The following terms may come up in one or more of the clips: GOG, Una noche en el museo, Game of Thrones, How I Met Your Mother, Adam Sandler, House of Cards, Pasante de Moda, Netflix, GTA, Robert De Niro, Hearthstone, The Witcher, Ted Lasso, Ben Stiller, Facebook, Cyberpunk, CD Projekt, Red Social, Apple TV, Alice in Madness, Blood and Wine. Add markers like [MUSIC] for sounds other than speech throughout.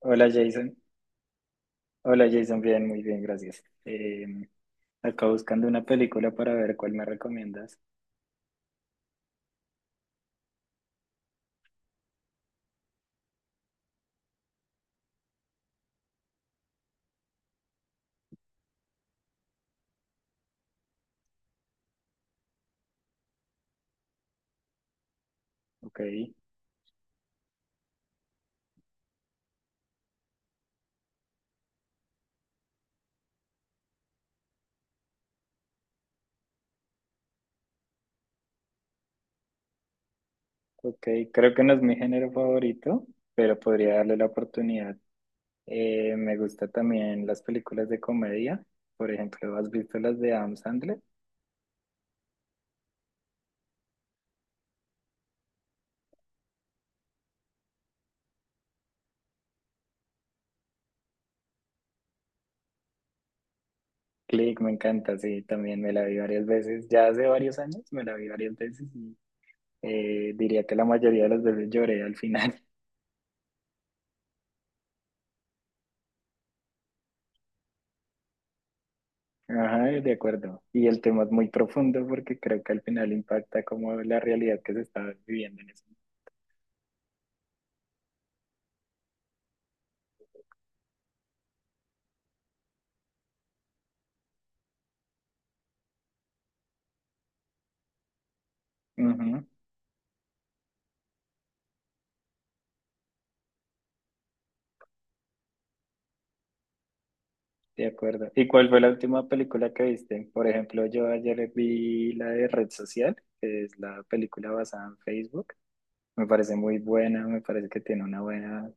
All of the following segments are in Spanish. Hola Jason, bien, muy bien, gracias. Acá buscando una película para ver cuál me recomiendas. Ok, ok, creo que no es mi género favorito, pero podría darle la oportunidad. Me gusta también las películas de comedia, por ejemplo, ¿has visto las de Adam Sandler? Click, me encanta, sí, también me la vi varias veces, ya hace varios años me la vi varias veces y diría que la mayoría de las veces lloré al final. Ajá, de acuerdo. ¿Y el tema es muy profundo porque creo que al final impacta como la realidad que se está viviendo en eso? Ujú, de acuerdo. ¿Y cuál fue la última película que viste? Por ejemplo, yo ayer vi la de Red Social, que es la película basada en Facebook. Me parece muy buena, me parece que tiene una buena,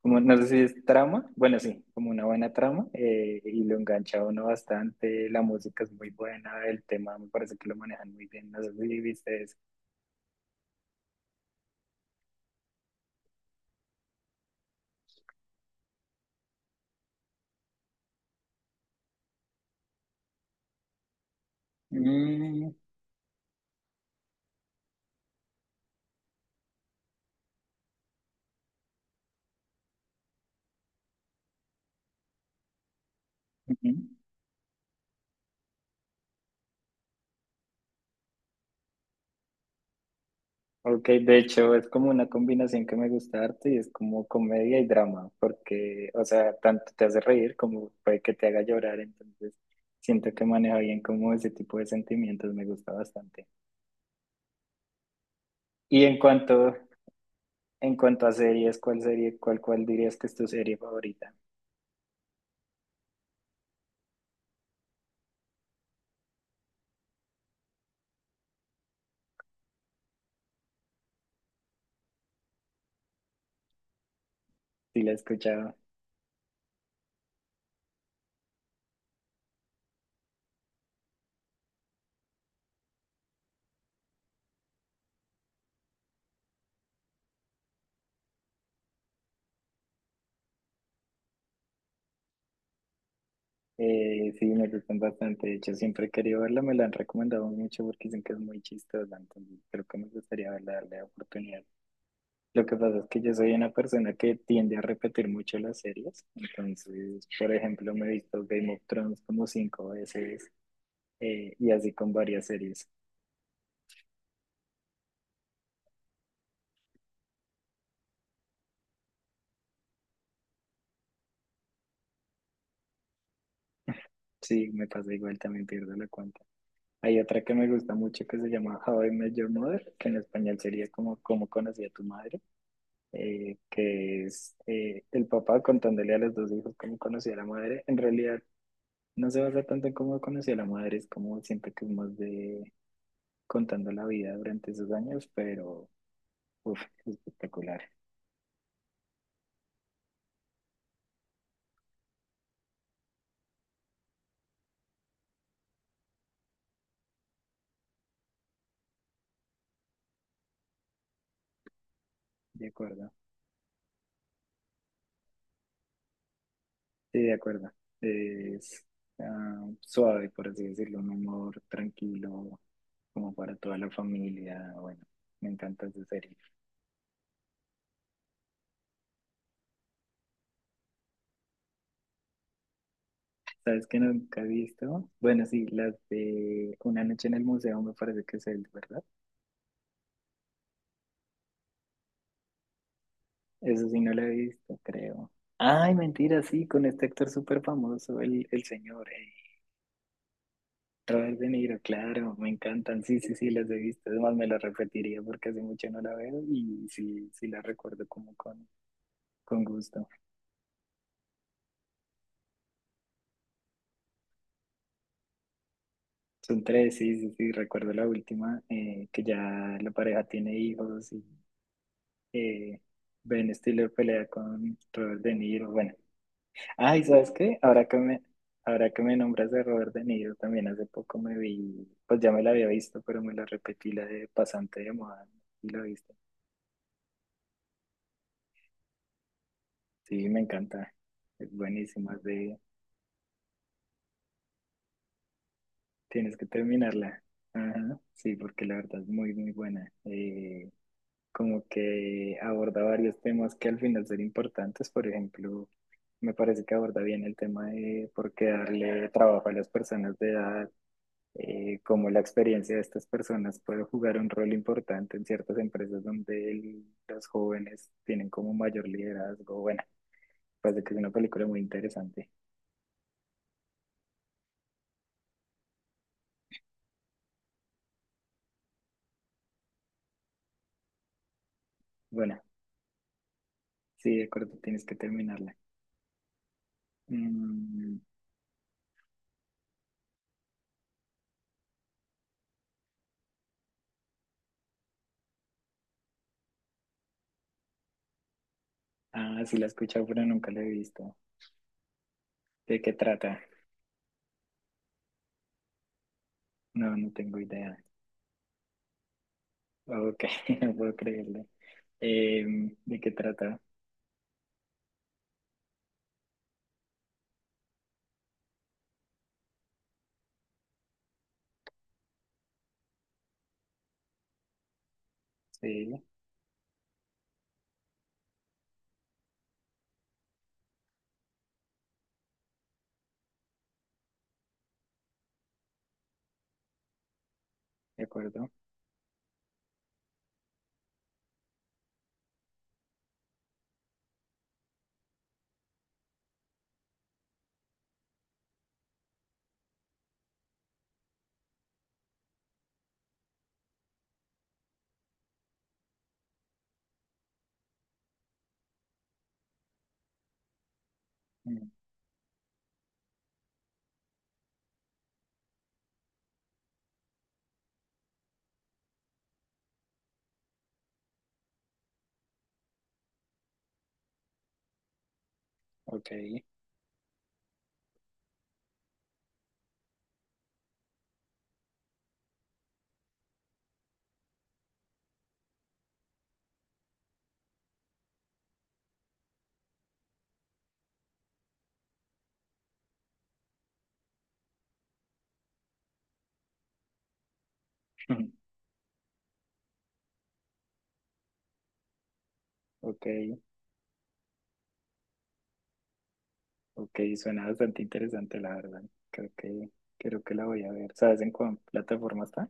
como, no sé si es trama, bueno, sí, como una buena trama, y lo engancha a uno bastante, la música es muy buena, el tema me parece que lo manejan muy bien, no sé si viste eso. Mm, ujú. Ok, de hecho es como una combinación que me gusta harto y es como comedia y drama, porque, o sea, tanto te hace reír como puede que te haga llorar, entonces siento que maneja bien como ese tipo de sentimientos, me gusta bastante. Y en cuanto a series, ¿cuál dirías que es tu serie favorita? Si la he escuchado, sí, me gustan bastante, de hecho siempre he querido verla, me la han recomendado mucho porque dicen que es muy chistosa, entonces creo que me gustaría verla, darle oportunidad. Lo que pasa es que yo soy una persona que tiende a repetir mucho las series. Entonces, por ejemplo, me he visto Game of Thrones como cinco veces y así con varias series. Sí, me pasa igual, también pierdo la cuenta. Hay otra que me gusta mucho que se llama How I Met Your Mother, que en español sería como Cómo conocí a tu madre, que es el papá contándole a los dos hijos cómo conocí a la madre. En realidad, no se basa tanto en cómo conocí a la madre, es como siento que es más de contando la vida durante esos años, pero Uf, espectacular. De acuerdo. Sí, de acuerdo. Es suave, por así decirlo, un humor tranquilo, como para toda la familia. Bueno, me encanta esa serie. ¿Sabes qué nunca he visto? Bueno, sí, las de Una noche en el museo me parece que es el, ¿verdad? Eso sí no lo he visto, creo. Ay, mentira, sí, con este actor súper famoso, el señor. Robert De Niro, claro, me encantan, sí, sí, sí, las he visto, además me las repetiría porque hace mucho no la veo y sí, sí la recuerdo como con gusto. Son tres, sí, sí, sí, recuerdo la última, que ya la pareja tiene hijos y eh, Ben Stiller pelea con Robert De Niro, bueno. Ay, ¿sabes qué? Ahora que me nombras de Robert De Niro, también hace poco me vi, pues ya me la había visto, pero me la repetí, la de Pasante de Moda, y la viste. Sí, me encanta. Es buenísima. Tienes que terminarla. Ajá, sí, porque la verdad es muy, muy buena. Como que aborda varios temas que al final son importantes. Por ejemplo, me parece que aborda bien el tema de por qué darle trabajo a las personas de edad, cómo la experiencia de estas personas puede jugar un rol importante en ciertas empresas donde los jóvenes tienen como mayor liderazgo. Bueno, parece que es una película muy interesante. Bueno, sí, de acuerdo, tienes que terminarla. Mm. Ah, sí la he escuchado, pero nunca la he visto. ¿De qué trata? No, no tengo idea. Ok, [LAUGHS] no puedo creerle. ¿De qué trata? Sí, de acuerdo. Mm. Ok, [LAUGHS] ok, ok, suena bastante interesante, la verdad. Creo que, creo que la voy a ver. ¿Sabes en cuál plataforma está?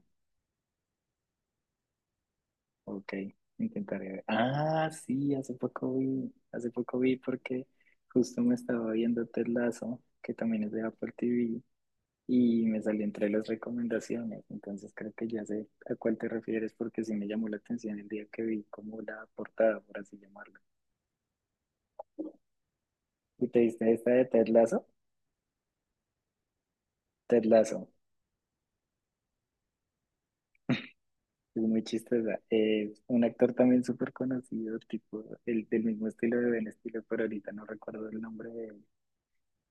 Ok, intentaré ver. Ah, hace poco vi porque justo me estaba viendo Ted Lasso, que también es de Apple TV, y me salió entre las recomendaciones. Entonces creo que ya sé a cuál te refieres porque sí me llamó la atención el día que vi como la portada, por así llamarlo. ¿Y te diste esta de Ted Lasso? Ted Lasso. Es muy chistosa. Es un actor también súper conocido, tipo, el del mismo estilo de Ben Stiller, pero ahorita no recuerdo el nombre de él.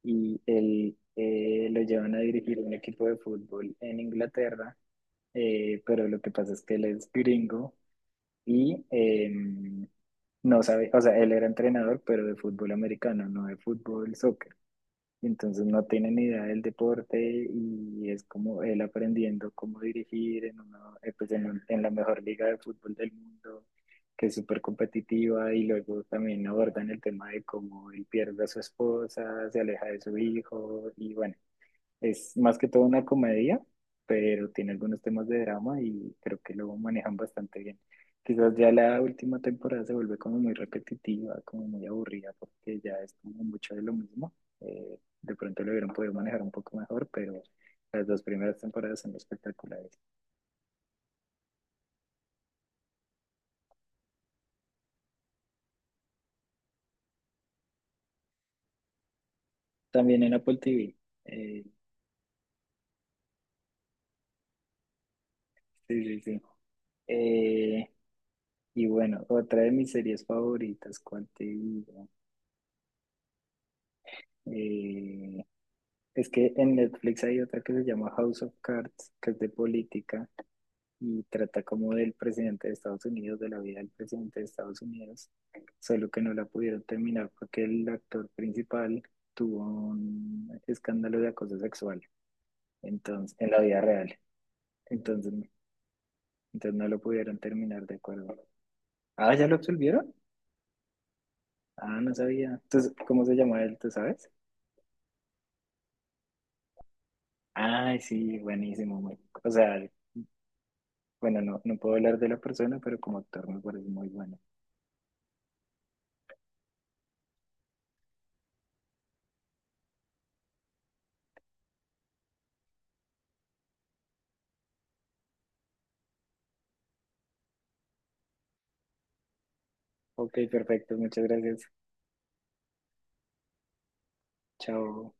Y él lo llevan a dirigir un equipo de fútbol en Inglaterra, pero lo que pasa es que él es gringo y no sabe, o sea, él era entrenador, pero de fútbol americano, no de fútbol soccer. Entonces no tiene ni idea del deporte y es como él aprendiendo cómo dirigir en, una, pues en, un- en la mejor liga de fútbol del mundo, que es súper competitiva y luego también abordan el tema de cómo él pierde a su esposa, se aleja de su hijo y bueno, es más que todo una comedia, pero tiene algunos temas de drama y creo que lo manejan bastante bien. Quizás ya la última temporada se vuelve como muy repetitiva, como muy aburrida, porque ya es como mucho de lo mismo. De pronto lo hubieran podido manejar un poco mejor, pero las dos primeras temporadas son espectaculares. También en Apple TV. eh, sí, sí, sí. Eh, y bueno, otra de mis series favoritas, ¿cuál te digo? Eh, Es que en Netflix hay otra que se llama House of Cards, que es de política y trata como del presidente de Estados Unidos, de la vida del presidente de Estados Unidos, solo que no la pudieron terminar porque el actor principal tuvo un escándalo de acoso sexual, entonces, en la vida real. Entonces, entonces no lo pudieron terminar de acuerdo. Ah, ¿ya lo absolvieron? Ah, no sabía. Entonces, ¿cómo se llama él? ¿Tú sabes? Ay, sí, buenísimo. O sea, bueno, no, no puedo hablar de la persona, pero como actor me parece muy bueno. Ok, perfecto. Muchas gracias. Chao.